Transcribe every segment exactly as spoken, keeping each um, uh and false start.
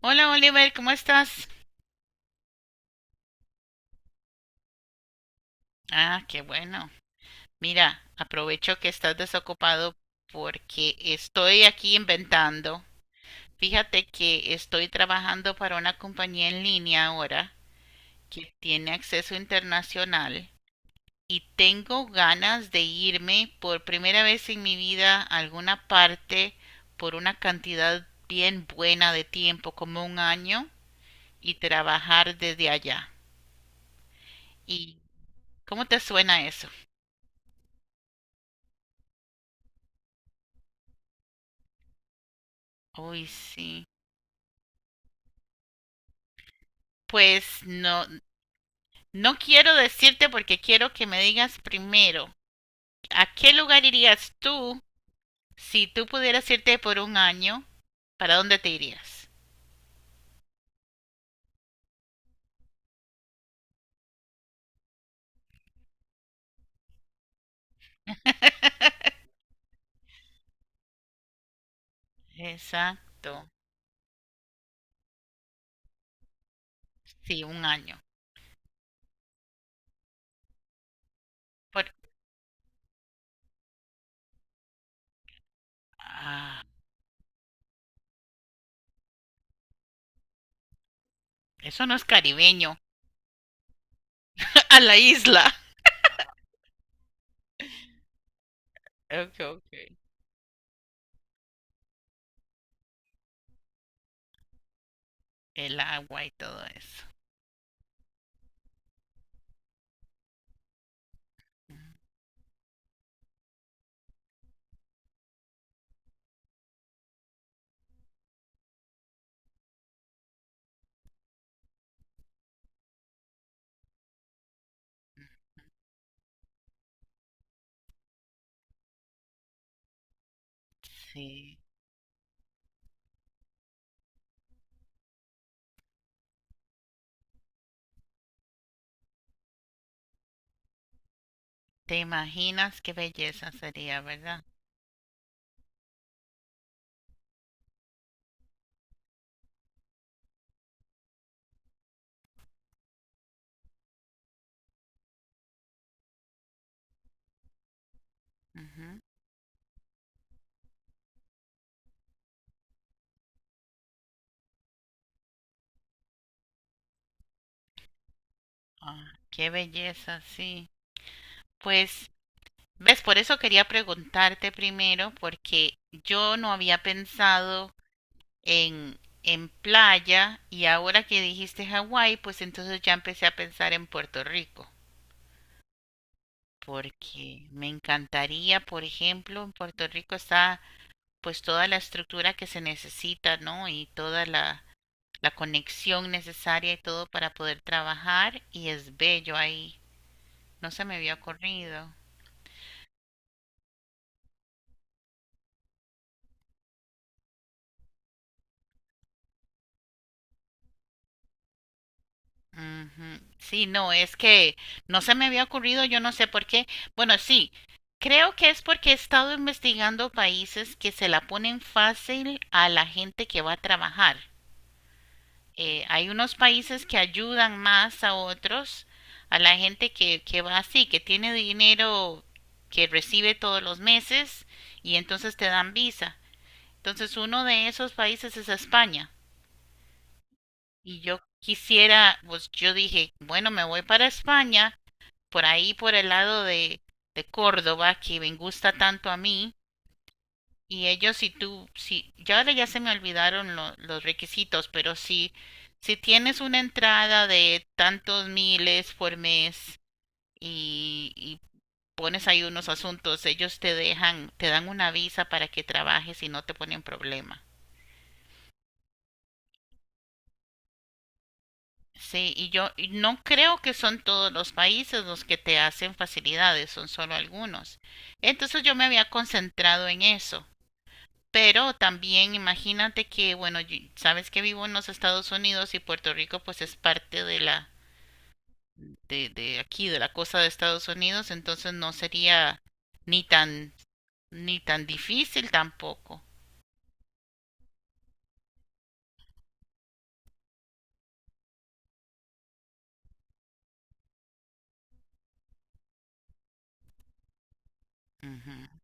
Hola Oliver, ¿cómo estás? Ah, qué bueno. Mira, aprovecho que estás desocupado porque estoy aquí inventando. Fíjate que estoy trabajando para una compañía en línea ahora que tiene acceso internacional y tengo ganas de irme por primera vez en mi vida a alguna parte por una cantidad bien buena de tiempo, como un año, y trabajar desde allá. ¿Y cómo te suena eso? Uy, sí. Pues no, no quiero decirte porque quiero que me digas primero, ¿a qué lugar irías tú si tú pudieras irte por un año? ¿Para dónde te irías? Exacto, sí, un año. Por- ah, eso no es caribeño, a la isla. Ok, ok. El agua y todo eso. Sí. ¿Te imaginas qué belleza sería, verdad? Ujú. Ah, qué belleza, sí. Pues, ¿ves? Por eso quería preguntarte primero, porque yo no había pensado en, en playa, y ahora que dijiste Hawái, pues entonces ya empecé a pensar en Puerto Rico, porque me encantaría. Por ejemplo, en Puerto Rico está pues toda la estructura que se necesita, ¿no? Y toda la, la conexión necesaria y todo para poder trabajar, y es bello ahí. No se me había ocurrido. Ujú. Sí, no, es que no se me había ocurrido, yo no sé por qué. Bueno, sí, creo que es porque he estado investigando países que se la ponen fácil a la gente que va a trabajar. Eh, hay unos países que ayudan más a otros, a la gente que, que va así, que tiene dinero que recibe todos los meses, y entonces te dan visa. Entonces uno de esos países es España. Y yo quisiera, pues yo dije, bueno, me voy para España por ahí por el lado de, de Córdoba, que me gusta tanto a mí. Y ellos, si tú, si ya ahora ya se me olvidaron lo- los requisitos, pero si si tienes una entrada de tantos miles por mes y, y pones ahí unos asuntos, ellos te dejan, te dan una visa para que trabajes y no te ponen problema. Sí, y yo, y no creo que son todos los países los que te hacen facilidades, son solo algunos, entonces yo me había concentrado en eso. Pero también imagínate que, bueno, yo- sabes que vivo en los Estados Unidos, y Puerto Rico pues es parte de la, de, de aquí, de la cosa de Estados Unidos, entonces no sería ni tan, ni tan difícil tampoco. Ujú,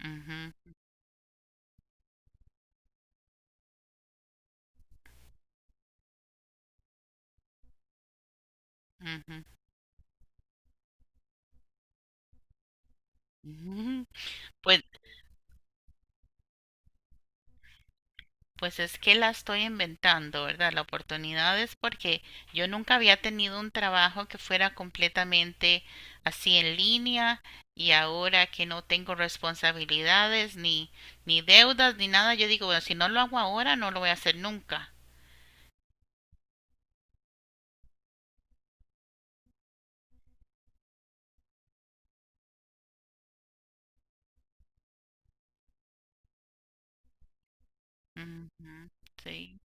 ujú, ujú, ujú. Pues, pues es que la estoy inventando, ¿verdad? La oportunidad es porque yo nunca había tenido un trabajo que fuera completamente así en línea, y ahora que no tengo responsabilidades ni, ni deudas ni nada, yo digo, bueno, si no lo hago ahora, no lo voy a hacer nunca. Ujú, sí.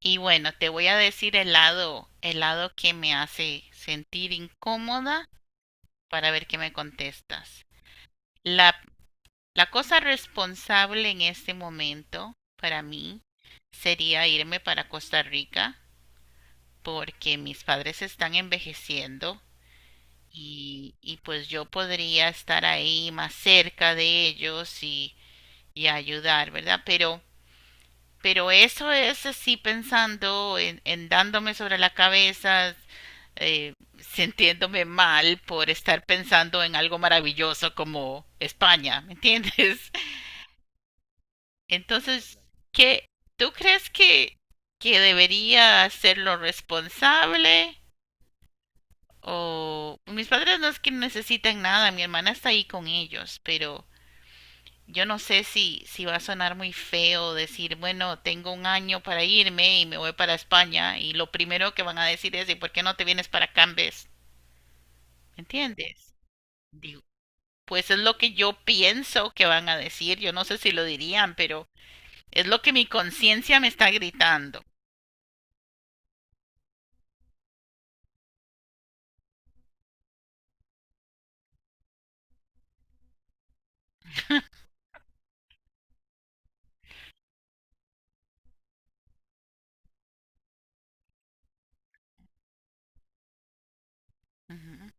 Y bueno, te voy a decir el lado, el lado que me hace sentir incómoda para ver qué me contestas. La La cosa responsable en este momento para mí sería irme para Costa Rica porque mis padres están envejeciendo y, y pues yo podría estar ahí más cerca de ellos y, y ayudar, ¿verdad? Pero, pero eso es así pensando en, en dándome sobre la cabeza, eh, sintiéndome mal por estar pensando en algo maravilloso como España, ¿me entiendes? Entonces, ¿qué, tú crees que, que debería hacerlo responsable. O mis padres, no es que necesitan nada, mi hermana está ahí con ellos, pero yo no sé si, si va a sonar muy feo decir, bueno, tengo un año para irme y me voy para España, y lo primero que van a decir es, ¿y por qué no te vienes para acá en vez? ¿Me entiendes? Digo, pues es lo que yo pienso que van a decir, yo no sé si lo dirían, pero es lo que mi conciencia me está gritando. Ujú.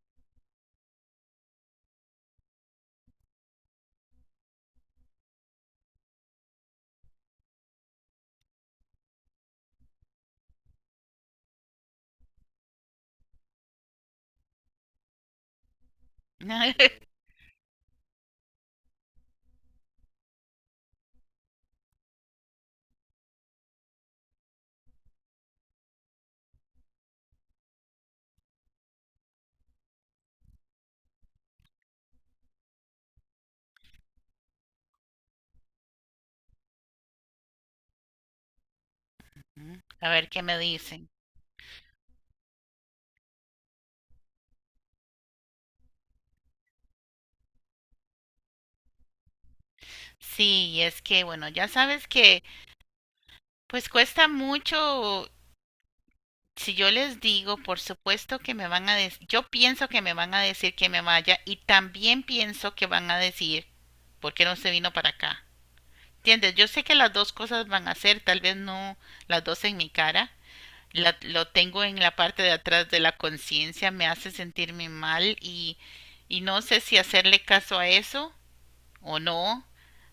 A ver qué me dicen. Sí, es que, bueno, ya sabes que pues cuesta mucho. Si yo les digo, por supuesto que me van a decir, yo pienso que me van a decir que me vaya, y también pienso que van a decir, ¿por qué no se vino para acá? ¿Entiendes? Yo sé que las dos cosas van a ser, tal vez no las dos en mi cara. La- lo tengo en la parte de atrás de la conciencia, me hace sentirme mal, y, y no sé si hacerle caso a eso o no.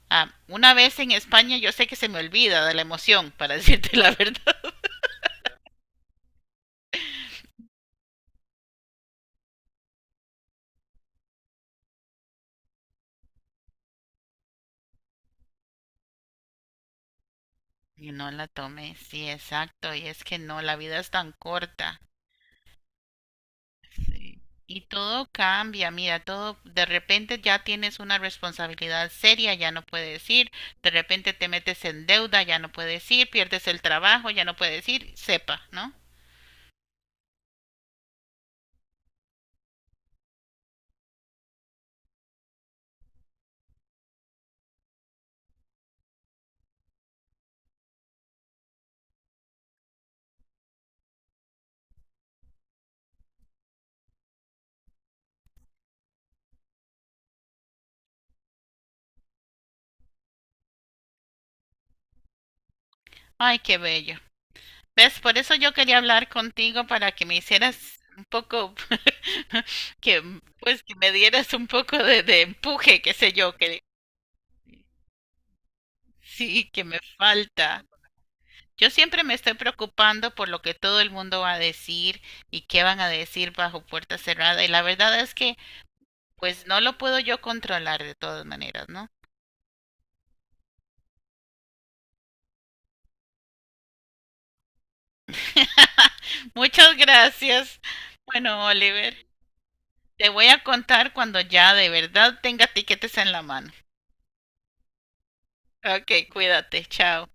Ah, una vez en España yo sé que se me olvida de la emoción, para decirte la verdad. Y no la tomé, sí, exacto. Y es que no, la vida es tan corta. Sí. Y todo cambia, mira, todo. De repente ya tienes una responsabilidad seria, ya no puedes ir, de repente te metes en deuda, ya no puedes ir, pierdes el trabajo, ya no puedes ir, sepa, ¿no? Ay, qué bello. ¿Ves? Por eso yo quería hablar contigo para que me hicieras un poco que pues que me dieras un poco de, de empuje, qué sé yo, que sí, que me falta. Yo siempre me estoy preocupando por lo que todo el mundo va a decir, y qué van a decir bajo puerta cerrada. Y la verdad es que pues no lo puedo yo controlar de todas maneras, ¿no? Muchas gracias. Bueno, Oliver, te voy a contar cuando ya de verdad tenga tiquetes en la mano. Ok, cuídate, chao.